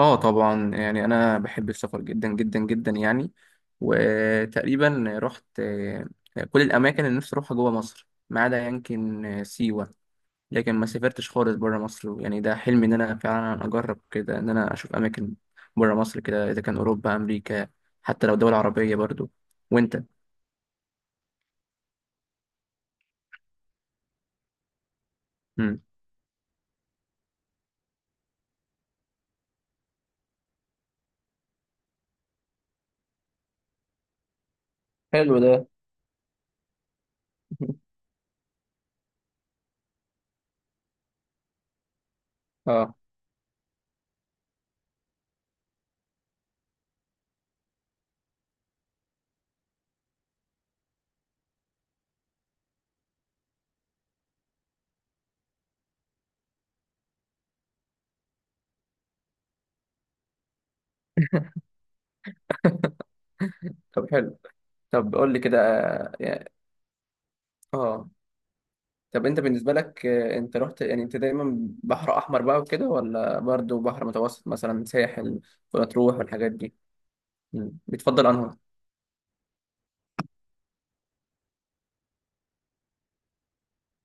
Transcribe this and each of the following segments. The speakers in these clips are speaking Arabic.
اه طبعا يعني انا بحب السفر جدا جدا جدا يعني وتقريبا رحت كل الاماكن اللي نفسي اروحها جوه مصر ما عدا يمكن سيوه. لكن ما سافرتش خالص بره مصر، يعني ده حلمي ان انا فعلا اجرب كده ان انا اشوف اماكن بره مصر كده، اذا كان اوروبا امريكا، حتى لو دول عربيه برضو. وانت؟ مم. حلو ده. اه طب حلو. طب قول لي كده. اه طب انت بالنسبه لك، انت رحت، يعني انت دايما بحر احمر بقى وكده ولا برضو بحر متوسط مثلا ساحل ومطروح والحاجات دي؟ مم. بتفضل انهي؟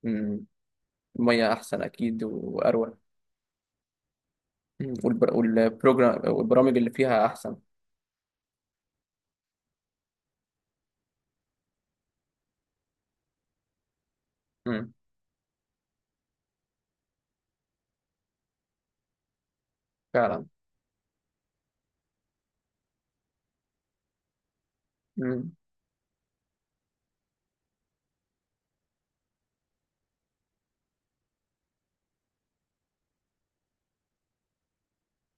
مم. الميه احسن اكيد واروق. مم. والبروجرام والبرامج اللي فيها احسن. مم. فعلا. مم.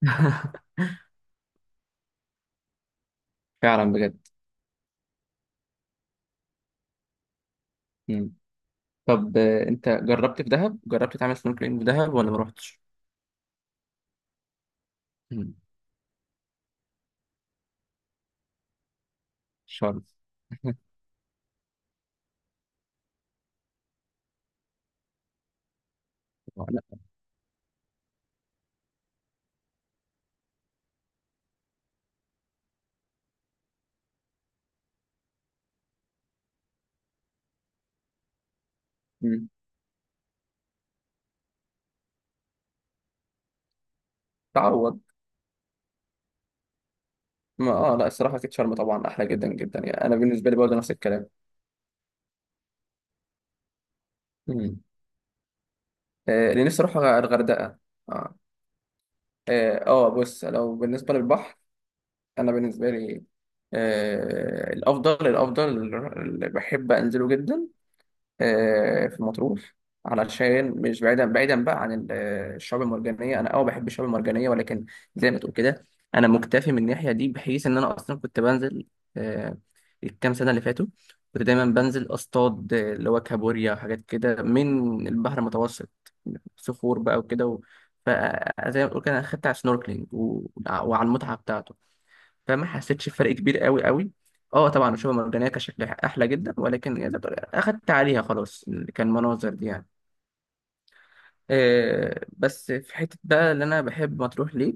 فعلا بجد. مم. طب انت جربت في دهب، جربت تعمل سنوركلينج في دهب ولا ما رحتش؟ مم. شرم. لا. مم. تعوض. ما اه لا الصراحه اكيد شرم طبعا احلى جدا جدا، يعني انا بالنسبه لي برضه نفس الكلام. مم. اللي نفسي اروح الغردقه. اه اه بص لو بالنسبه للبحر، انا بالنسبه لي، آه الافضل الافضل، اللي بحب انزله جدا آه في مطروح، علشان مش بعيدا بعيدا بقى عن الشعاب المرجانيه. انا اه بحب الشعاب المرجانيه، ولكن زي ما تقول كده انا مكتفي من الناحيه دي، بحيث ان انا اصلا كنت بنزل آه الكام سنه اللي فاتوا، كنت دايما بنزل اصطاد، اللي هو كابوريا وحاجات كده من البحر المتوسط، صخور بقى وكده و... فزي ما بقول كده انا خدت على السنوركلينج و... وعلى المتعه بتاعته، فما حسيتش بفرق كبير قوي قوي. اه طبعا الشعاب المرجانيه كان شكلها احلى جدا، ولكن يعني اخدت عليها خلاص، كان مناظر دي يعني. بس في حته بقى اللي انا بحب مطروح ليه،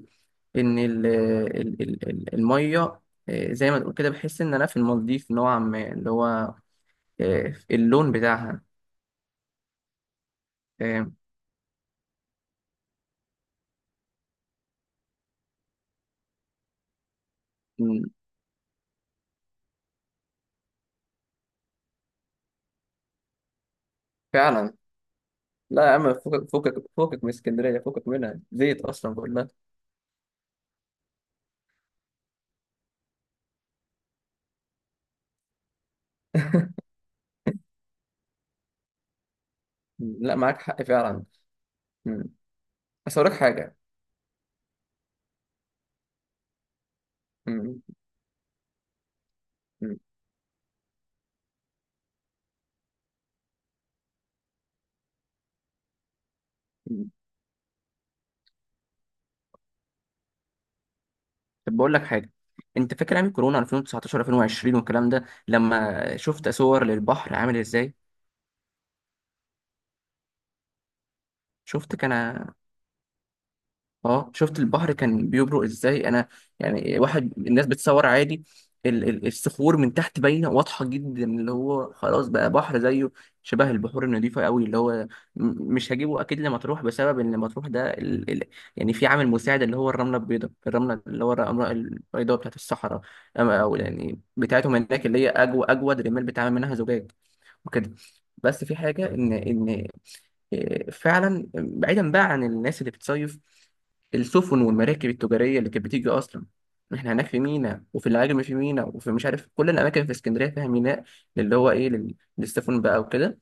ان الميه، زي ما تقول كده، بحس ان انا في المالديف نوعا ما، اللي هو اللون بتاعها. آه، م، فعلا. لا يا عم فكك فكك فكك من اسكندرية، فكك منها، زيت أصلا كلها. مم. لا معاك حق فعلا. مم. بس أقول لك حاجة. مم. مم. مم. طب بقول لك حاجه، انت فاكر ايام كورونا 2019 2020 والكلام ده، لما شفت صور للبحر عامل ازاي؟ شفت كان، اه شفت البحر كان بيبرق ازاي؟ انا يعني واحد الناس بتصور عادي، الصخور من تحت باينه واضحه جدا، اللي هو خلاص بقى بحر زيه شبه البحور النظيفه قوي. اللي هو م- مش هجيبه اكيد لمطروح، بسبب ان مطروح ده يعني في عامل مساعد اللي هو الرمله البيضاء، الرمله اللي هو الرمله البيضاء بتاعت الصحراء، أما- او يعني بتاعتهم هناك، اللي هي اجود رمال بيتعمل منها زجاج وكده. بس في حاجه ان ان فعلا بعيدا بقى عن الناس اللي بتصيف، السفن والمراكب التجارية اللي كانت بتيجي أصلا. إحنا هناك في ميناء، وفي العجم في ميناء، وفي مش عارف كل الأماكن في اسكندرية فيها ميناء، اللي هو إيه للسفن بقى وكده.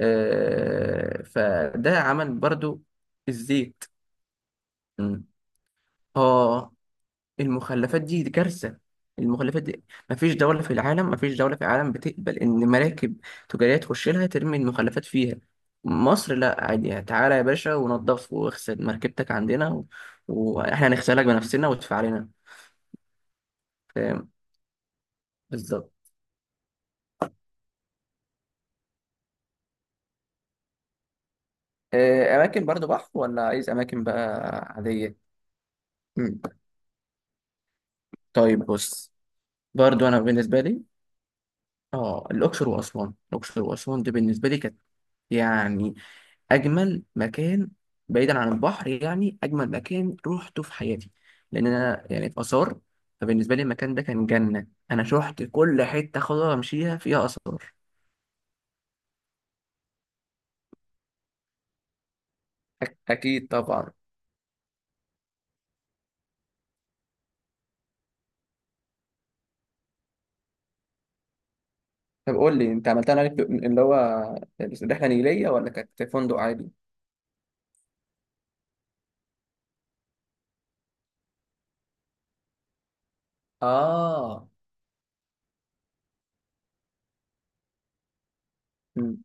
فده عمل برضو الزيت. مم. آه المخلفات دي كارثة، المخلفات دي، مفيش دولة في العالم، مفيش دولة في العالم بتقبل إن مراكب تجارية تخش لها ترمي المخلفات فيها. مصر لا عادي، يعني تعالى يا باشا ونضف واغسل مركبتك عندنا و... وإحنا هنغسلك بنفسنا، وادفع لنا. فاهم؟ بالظبط. أماكن برضو بحر ولا عايز أماكن بقى عادية؟ مم. طيب بص، برضو أنا بالنسبة لي آه الأقصر وأسوان، الأقصر وأسوان دي بالنسبة لي كانت، يعني اجمل مكان بعيدا عن البحر، يعني اجمل مكان روحته في حياتي. لان انا يعني في اثار، فبالنسبه لي المكان ده كان جنه، انا شحت كل حته خضرا امشيها فيها اثار. أكيد طبعا. طب قول لي أنت عملتها عليك اللي هو رحلة نيلية ولا كانت فندق عادي؟ آه. مم.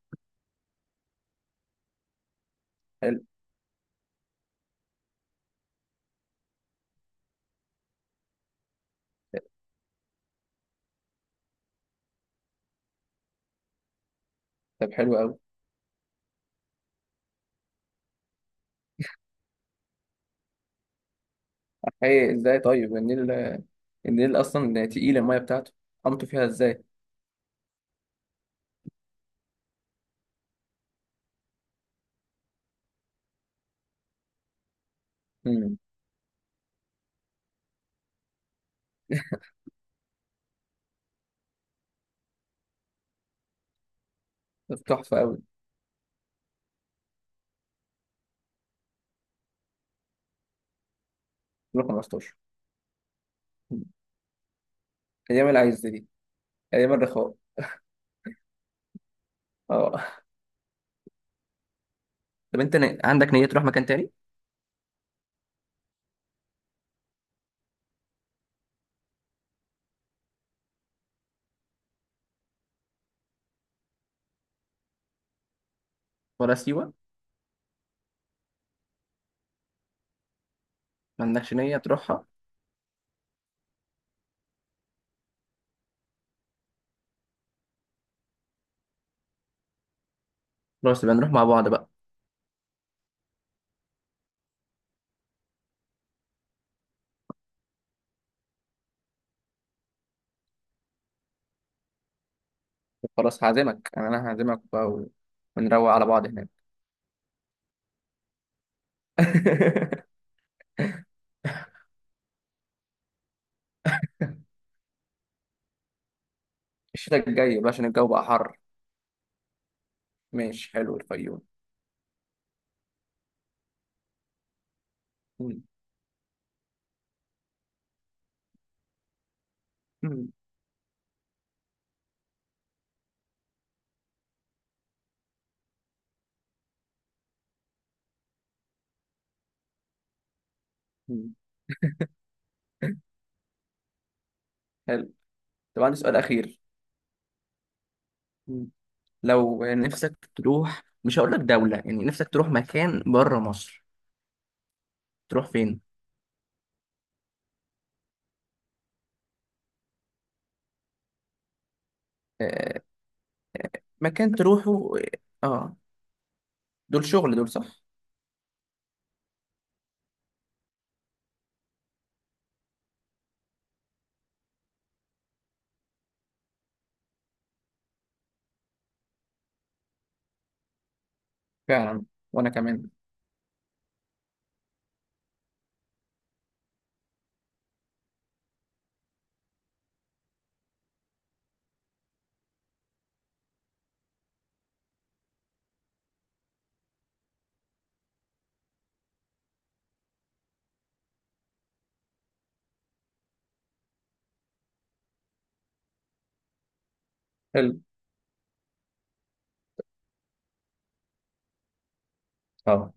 حلو. طب حلو أوي. إيه إزاي طيب النيل؟ النيل أصلا تقيل المية بتاعته، قمتوا فيها إزاي؟ مم. طب تحفة أوي. 2015. مم. أيام العز دي، أيام الرخاء. اه طب انت عندك نية تروح مكان تاني؟ ولا سيوة؟ ما عندكش نية تروحها؟ خلاص يبقى نروح مع بعض بقى. خلاص هعزمك، يعني انا هعزمك بقى و... ونروق على بعض هناك. الشتاء الجاي بقى عشان الجو بقى حر. ماشي حلو الفيوم. مم. مم. مم. حلو. طب عندي سؤال أخير. مم. لو نفسك تروح، مش هقول لك دولة، يعني نفسك تروح مكان بره مصر، تروح فين؟ آه مكان تروحه. اه دول شغل، دول صح. فعلا وأنا كمان. حلو. اه